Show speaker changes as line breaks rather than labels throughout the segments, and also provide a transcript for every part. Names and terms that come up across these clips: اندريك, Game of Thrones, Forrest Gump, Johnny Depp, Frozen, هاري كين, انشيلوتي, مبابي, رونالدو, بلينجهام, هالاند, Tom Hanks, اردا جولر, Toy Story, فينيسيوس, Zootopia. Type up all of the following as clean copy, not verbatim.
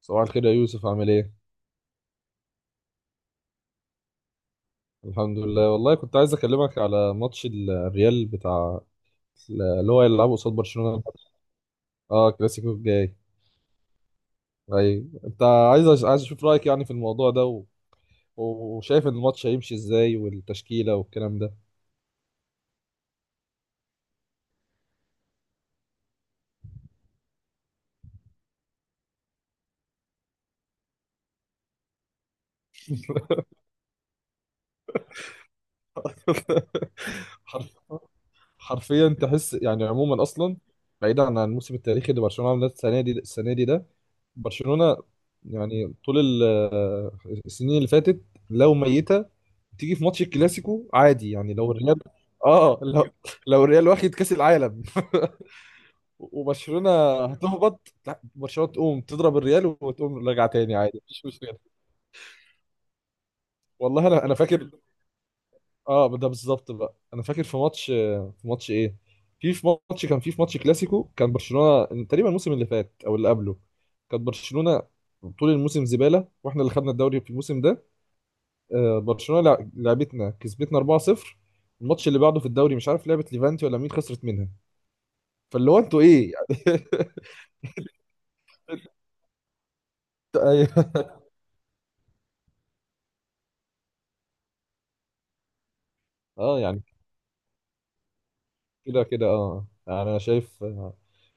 صباح الخير يا يوسف، عامل ايه؟ الحمد لله، والله كنت عايز اكلمك على ماتش الريال، بتاع اللي هو يلعبه قصاد برشلونة. اه، الكلاسيكو الجاي. ايوه، انت عايز اشوف رايك يعني في الموضوع ده وشايف ان الماتش هيمشي ازاي، والتشكيلة والكلام ده. حرف حرفيا تحس يعني. عموما اصلا، بعيدا عن الموسم التاريخي اللي برشلونه عملته السنه دي ده، برشلونه يعني طول آه، السنين اللي فاتت، لو ميته تيجي في ماتش الكلاسيكو عادي يعني. لو الريال، لو لو الريال واخد كاس العالم وبرشلونه هتهبط، لا، برشلونه تقوم تضرب الريال وتقوم راجعه تاني عادي، مفيش مشكله. والله انا فاكر. اه، ده بالظبط. بقى انا فاكر في ماتش في ماتش ايه في في ماتش كان في في ماتش كلاسيكو. كان برشلونة تقريبا الموسم اللي فات او اللي قبله كانت برشلونة طول الموسم زبالة، واحنا اللي خدنا الدوري في الموسم ده. برشلونة لعبتنا، كسبتنا 4-0. الماتش اللي بعده في الدوري، مش عارف لعبت ليفانتي ولا مين، خسرت منها. فاللي هو انتوا ايه يعني؟ أيوه. اه يعني، كده كده اه. يعني انا شايف،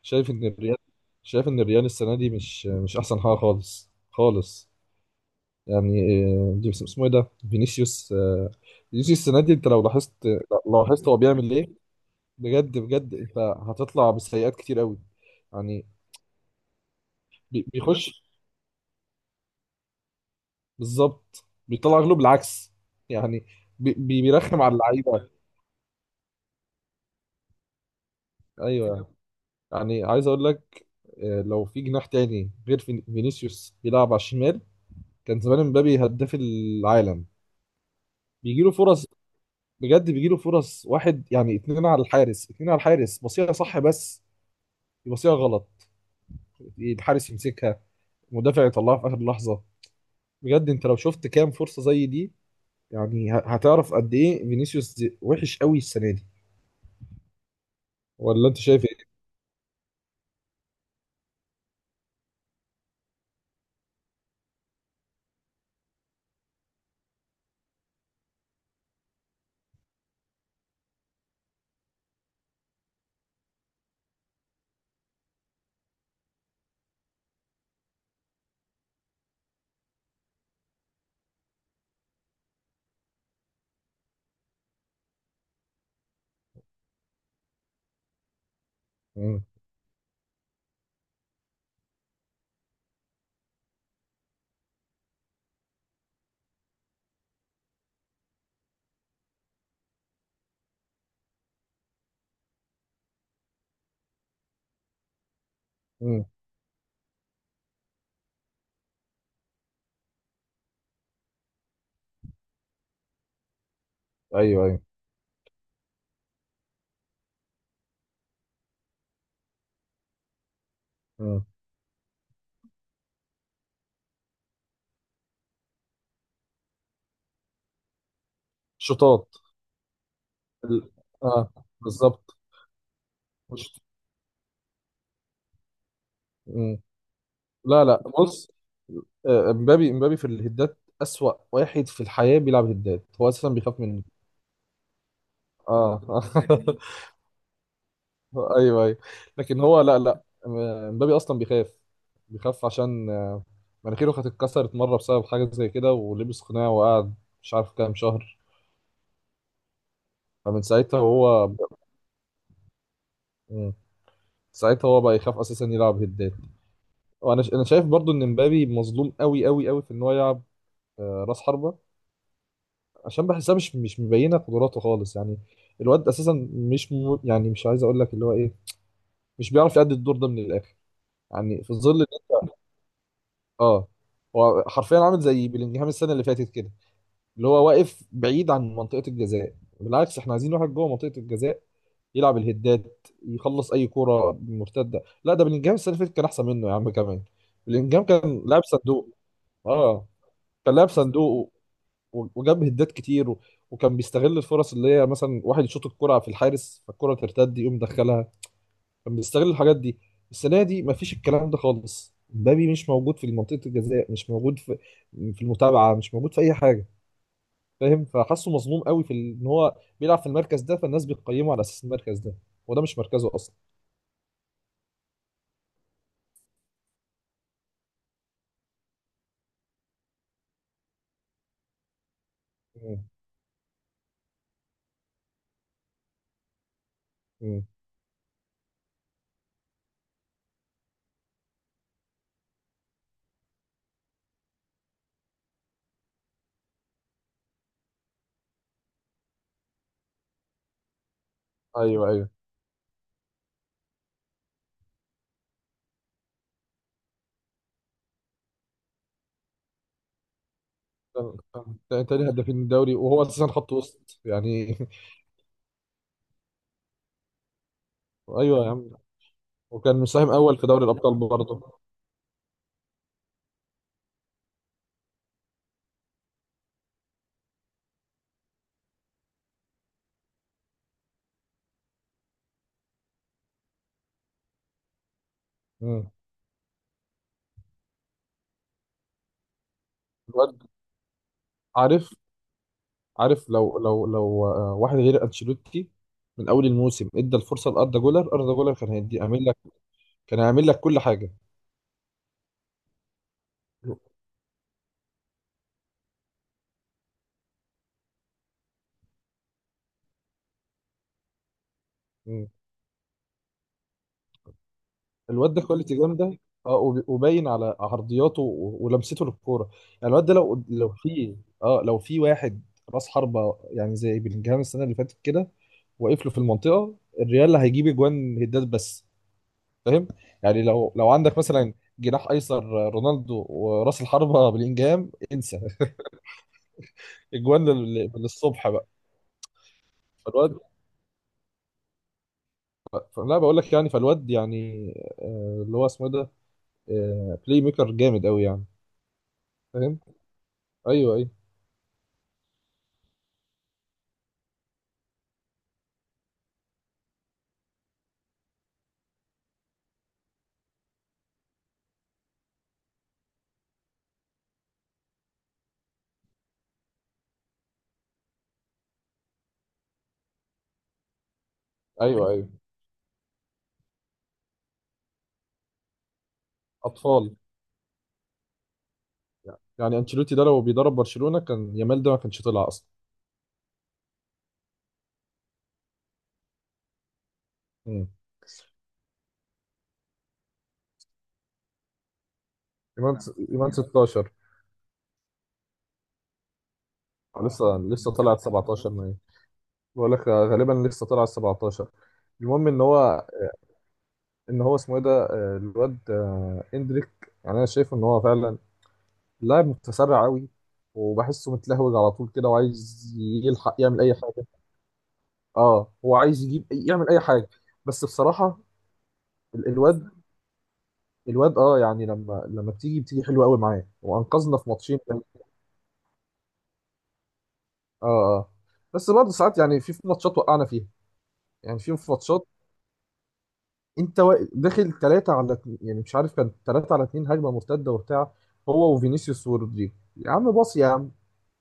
شايف ان الريال، شايف ان الريال السنة دي مش احسن حاجة، خالص خالص يعني. دي اسمه ايه ده، فينيسيوس. فينيسيوس السنه دي، انت لو لاحظت، لو لاحظت هو بيعمل ايه. بجد بجد، انت هتطلع بسيئات كتير قوي يعني. بيخش. بالظبط بيطلع غلو، بالعكس يعني. بيرخم على اللعيبه. ايوه، يعني عايز اقول لك، لو في جناح تاني غير فينيسيوس بيلعب على الشمال، كان زمان مبابي هداف العالم. بيجي له فرص، بجد بيجي له فرص. واحد يعني، اتنين على الحارس، اتنين على الحارس، بصيها صح بس يبصيها غلط، الحارس يمسكها، مدافع يطلعها في اخر لحظه. بجد، انت لو شفت كام فرصه زي دي، يعني هتعرف قد ايه فينيسيوس وحش قوي السنه دي. ولا انت شايف ايه؟ مم. مم. ايوه، ايوه. مم. شطات. ال... اه، بالظبط. مش... مم. لا لا، بص، امبابي، في الهدات اسوأ واحد في الحياه. بيلعب هدات، هو اساسا بيخاف منه. اه. ايوه، ايوه. لكن هو، لا لا، مبابي اصلا بيخاف. بيخاف عشان مناخيره كانت اتكسرت مره بسبب حاجه زي كده، ولبس قناع وقعد مش عارف كام شهر. فمن ساعتها هو. مم. ساعتها هو بقى يخاف اساسا يلعب هدات. وانا انا شايف برضو ان مبابي مظلوم قوي قوي قوي في ان هو يلعب راس حربه، عشان بحسها مش مبينه قدراته خالص يعني. الواد اساسا مش م... يعني مش عايز اقول لك اللي هو ايه، مش بيعرف يأدي الدور ده من الاخر. يعني في ظل، اه، هو حرفيا عامل زي بلينجهام السنه اللي فاتت كده، اللي هو واقف بعيد عن منطقه الجزاء. بالعكس، احنا عايزين واحد جوه منطقه الجزاء يلعب الهدات، يخلص اي كوره مرتده. لا، ده بلينجهام السنه اللي فاتت كان احسن منه يا عم كمان. بلينجهام كان لاعب صندوق. اه، كان لاعب صندوق، وجاب هدات كتير، وكان بيستغل الفرص، اللي هي مثلا واحد يشوط الكرة في الحارس فالكرة ترتد يقوم دخلها. كان بيستغل الحاجات دي. السنه دي مفيش الكلام ده خالص. مبابي مش موجود في منطقه الجزاء، مش موجود في في المتابعه، مش موجود في اي حاجه. فاهم؟ فحاسه مظلوم قوي في ان هو بيلعب في المركز ده، فالناس بتقيمه على اساس المركز ده، وده مش مركزه اصلا. مم. مم. ايوه، ايوه. كان كان تاني هدافين الدوري، وهو اساسا خط وسط يعني. ايوه يا عم. وكان مساهم اول في دوري الابطال برضه. مم. الواد. عارف عارف لو واحد غير انشيلوتي من اول الموسم ادى الفرصه لاردا جولر، اردا جولر كان هيدي عامل لك، كان هيعمل لك كل حاجه. مم. الواد ده كواليتي جامده. اه، وباين على عرضياته ولمسته للكوره. يعني الواد ده، لو في، اه لو في واحد راس حربه يعني زي بلينجهام السنه اللي فاتت كده، واقف له في المنطقه، الريال هيجيب اجوان هدات بس. فاهم؟ يعني لو عندك مثلا جناح ايسر رونالدو وراس الحربه بلينجهام، انسى، اجوان للصبح بقى. فالواد، لا بقول لك، يعني فالواد يعني، اللي هو اسمه إيه ده، بلاي ميكر جامد قوي يعني. فاهم؟ ايوه، ايوه، ايوه، ايوه. اطفال. يعني انشيلوتي ده لو بيدرب برشلونة، كان يامال ده ما كانش طلع اصلا. مم. ايمان ايمان 16. لسه لسه طلع 17 ما هي. بقول لك غالبا لسه طلع 17. المهم ان هو، ان هو اسمه ايه ده، الواد اندريك، يعني انا شايف ان هو فعلا لاعب متسرع قوي، وبحسه متلهوج على طول كده، وعايز يلحق يعمل اي حاجه. اه، هو عايز يجيب يعمل اي حاجه. بس بصراحه ال- الواد الواد اه يعني، لما بتيجي حلوه قوي معاه، وانقذنا في ماتشين اه. اه بس برضه ساعات، يعني في ماتشات وقعنا فيها، يعني في ماتشات انت داخل ثلاثه على اتنين، يعني مش عارف، كان ثلاثه على اثنين، هجمه مرتده وبتاع، هو وفينيسيوس ورودريجو. يا عم باص يا عم،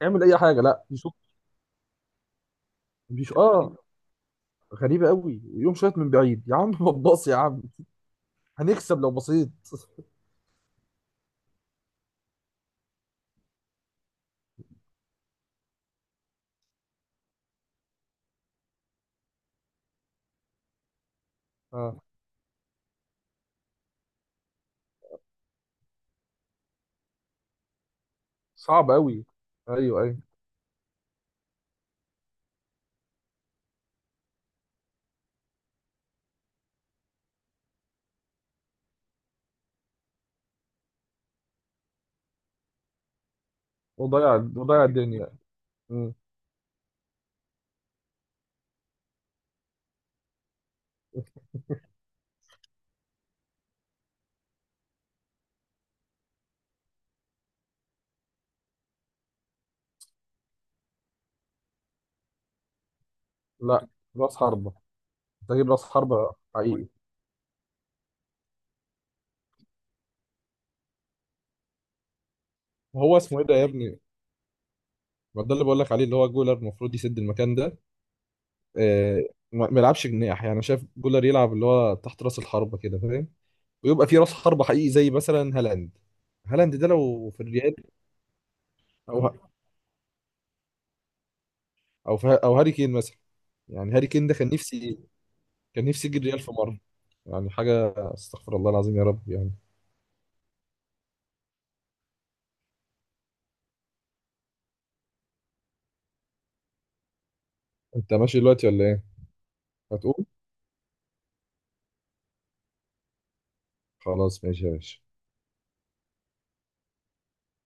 اعمل اي حاجه، لا بيشوط اه. غريبة قوي، يقوم شايط من بعيد يا عم. ما تباص يا عم، هنكسب لو بصيت. آه. صعب قوي. ايوه، ايوه. وضيع، وضيع الدنيا. مم. لا، راس حربة، تجيب راس حربة حقيقي. وهو اسمه ايه ده يا ابني؟ ما ده اللي بقول لك عليه، اللي هو جولر، المفروض يسد المكان ده. آه، ما ما يلعبش جناح يعني. أنا شايف جولر يلعب اللي هو تحت راس الحربة كده، فاهم؟ ويبقى في راس حربة حقيقي زي مثلا هالاند. هالاند ده لو في الريال، او في او هاري كين مثلا. يعني هاري كين ده كان نفسي اجي الريال في مره. يعني حاجه استغفر الله العظيم، يا رب يعني. انت ماشي دلوقتي ولا ايه؟ هتقوم. خلاص، ماشي يا باشا.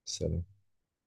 سلام.